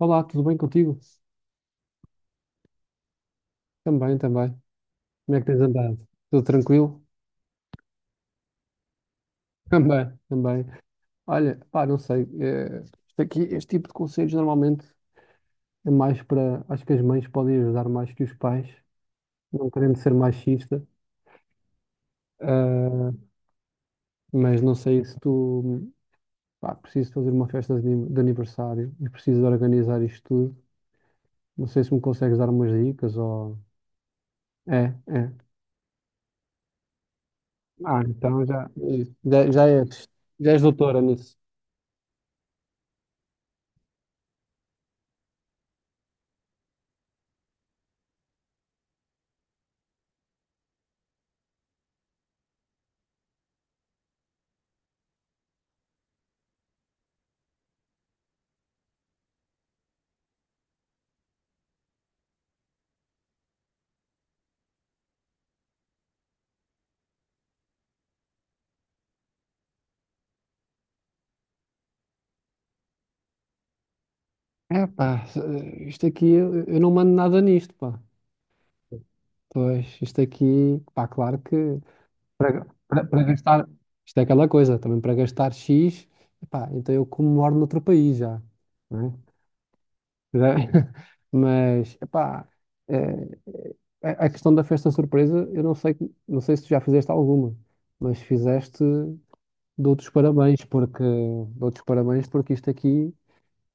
Olá, tudo bem contigo? Também, também. Como é que tens andado? Tudo tranquilo? Também, também. Olha, pá, não sei. Isto aqui, este tipo de conselhos normalmente é mais para. Acho que as mães podem ajudar mais que os pais, não querendo ser machista. ah, mas não sei se tu. Pá, preciso fazer uma festa de aniversário e preciso de organizar isto tudo. Não sei se me consegues dar umas dicas ou. É, é. Ah, então já, já és, já és doutora nisso. É pá, isto aqui eu não mando nada nisto, pá. Pois, isto aqui, pá, claro que para gastar, isto é aquela coisa, também para gastar X, pá, então eu como moro noutro país já, não é? Já- Mas, epá, eh, a questão da festa surpresa, eu não sei, não sei se tu já fizeste alguma, mas fizeste, dou-te os parabéns, porque dou-te os parabéns porque isto aqui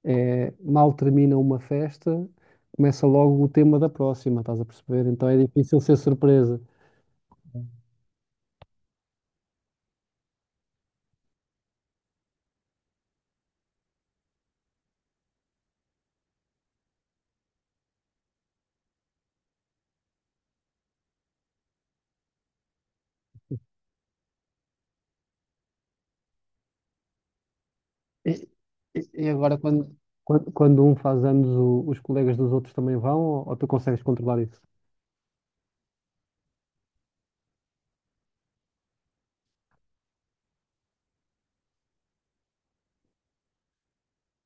é, mal termina uma festa, começa logo o tema da próxima, estás a perceber? Então é difícil ser surpresa. E, e agora, quando um faz anos, os colegas dos outros também vão, ou tu consegues controlar isso?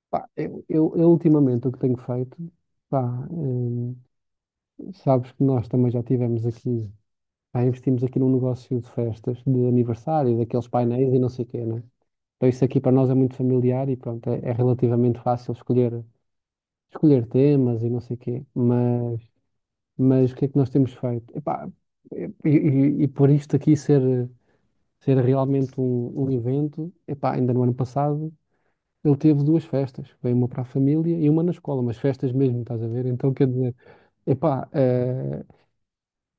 Pá, eu ultimamente o que tenho feito, pá, sabes que nós também já tivemos aqui, pá, investimos aqui num negócio de festas, de aniversário, daqueles painéis e não sei o quê, né? Então isso aqui para nós é muito familiar e pronto, é, é relativamente fácil escolher escolher temas e não sei o quê, mas o que é que nós temos feito? Epá, e por isto aqui ser, ser realmente um, um evento, epá, ainda no ano passado ele teve duas festas, veio uma para a família e uma na escola, mas festas mesmo, estás a ver? Então quer dizer, epá,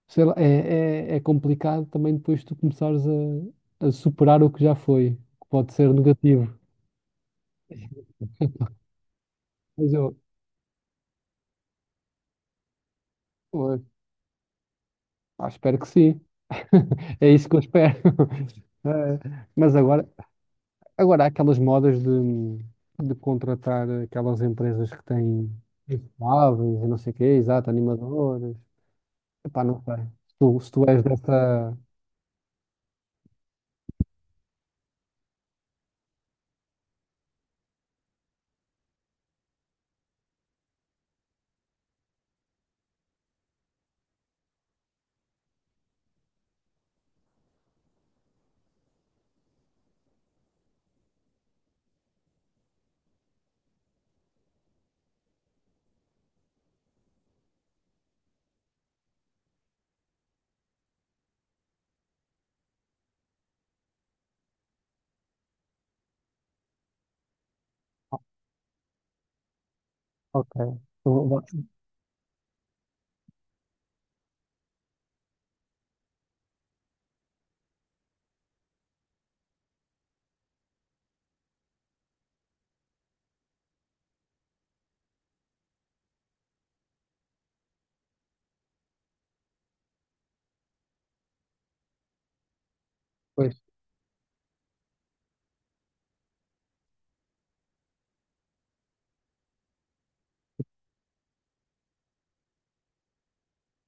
sei lá, é complicado também depois tu começares a superar o que já foi, que pode ser negativo. Mas eu, ah, espero que sim. É isso que eu espero. Eh, Mas agora, agora, há aquelas modas de contratar aquelas empresas que têm infláveis e não sei o quê, exato, animadores. Epá, não sei. Se tu, se tu és dessa. Ok. Então, vá, pois,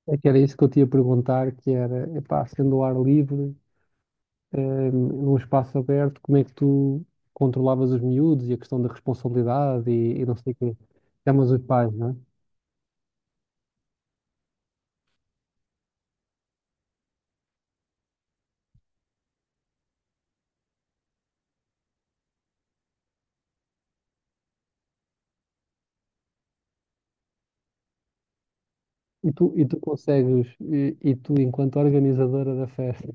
é que era isso que eu te ia perguntar, que era, epá, sendo ao ar livre, num espaço aberto, como é que tu controlavas os miúdos e a questão da responsabilidade e não sei o quê. Chamas os pais, não é? E tu consegues, e tu, enquanto organizadora da festa,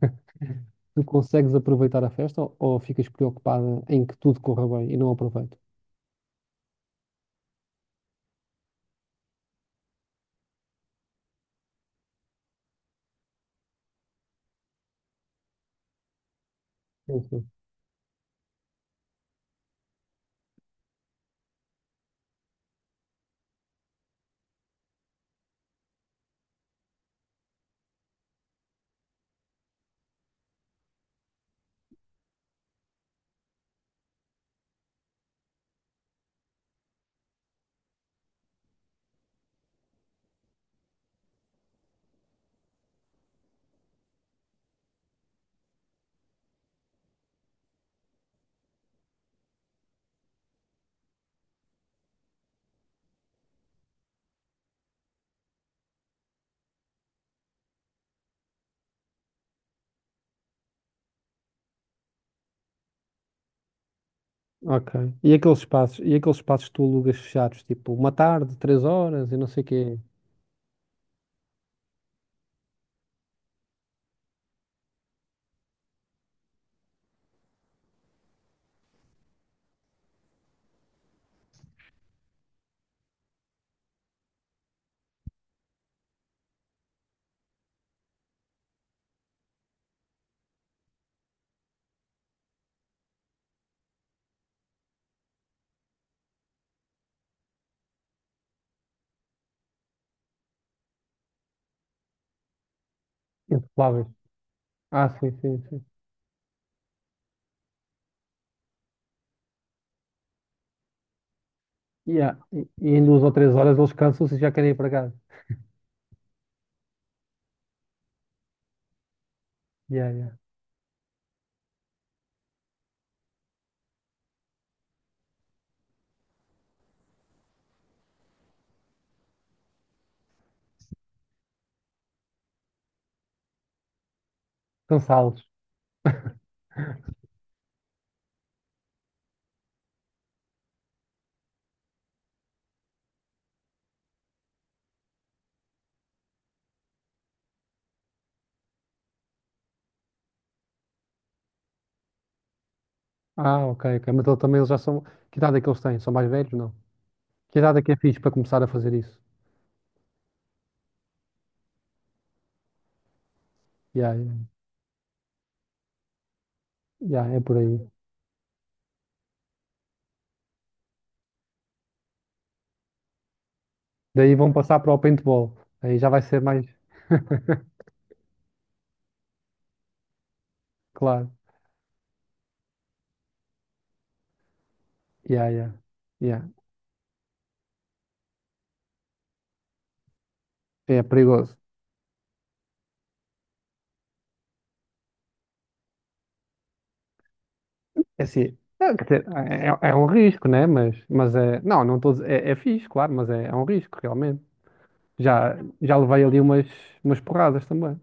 tu consegues aproveitar a festa ou ficas preocupada em que tudo corra bem e não aproveitas? Sim, sim. Ok. E aqueles espaços que tu alugas fechados, tipo uma tarde, três horas e não sei o quê, insupeláveis. Ah, sim, sim, sim. Yeah. E em duas ou três horas eles cansam-se e já querem ir para casa. Yeah, yeah. Cansá-los. Ah, ok, ok. Mas eles também eles já são. Que idade é que eles têm? São mais velhos? Não. Que idade é que é fixe para começar a fazer isso? Yeah, yeah. Yeah, é por aí. Daí vão passar para o paintball. Aí já vai ser mais. Claro. Yeah, yeah. Yeah. É perigoso. É assim. É, quer dizer, é um risco, né? Mas é. Não, não estou. É, é fixe, claro, mas é, é um risco, realmente. Já, já levei ali umas, umas porradas também.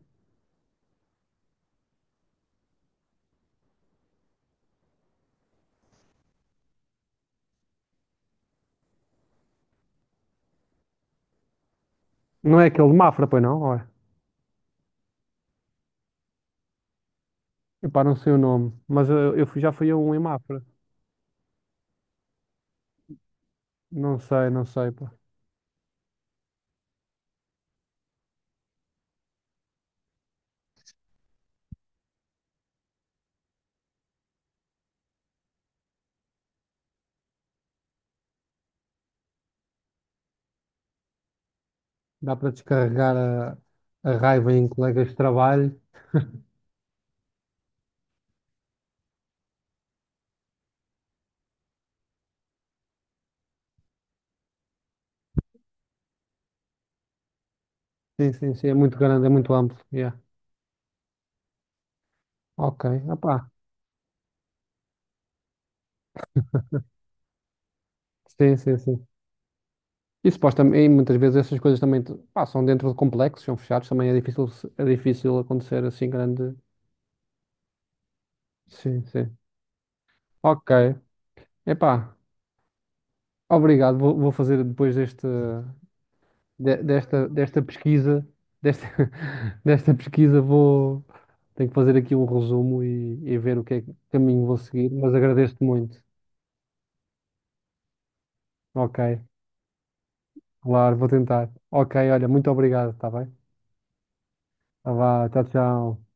Não é aquele de Mafra, pois não? Olha. Epá, não sei o nome. Mas eu, já fui a um em Mafra. Não sei, não sei, pá. Dá para descarregar a raiva em colegas de trabalho. Sim, sim, sim. É muito grande, é muito amplo. Yeah. Ok. Epá. Sim, sim, sim. E supostamente, e muitas vezes essas coisas também pá, são dentro de complexos, são fechados, também é difícil, é difícil acontecer assim grande. Sim, sim. Ok. Epá, obrigado. Vou, vou fazer depois deste, desta, desta pesquisa, desta, desta pesquisa vou, tenho que fazer aqui um resumo e ver o que é que caminho vou seguir, mas agradeço-te muito. Ok, claro, vou tentar. Ok, olha, muito obrigado, está bem? Tá vá, tchau, tchau.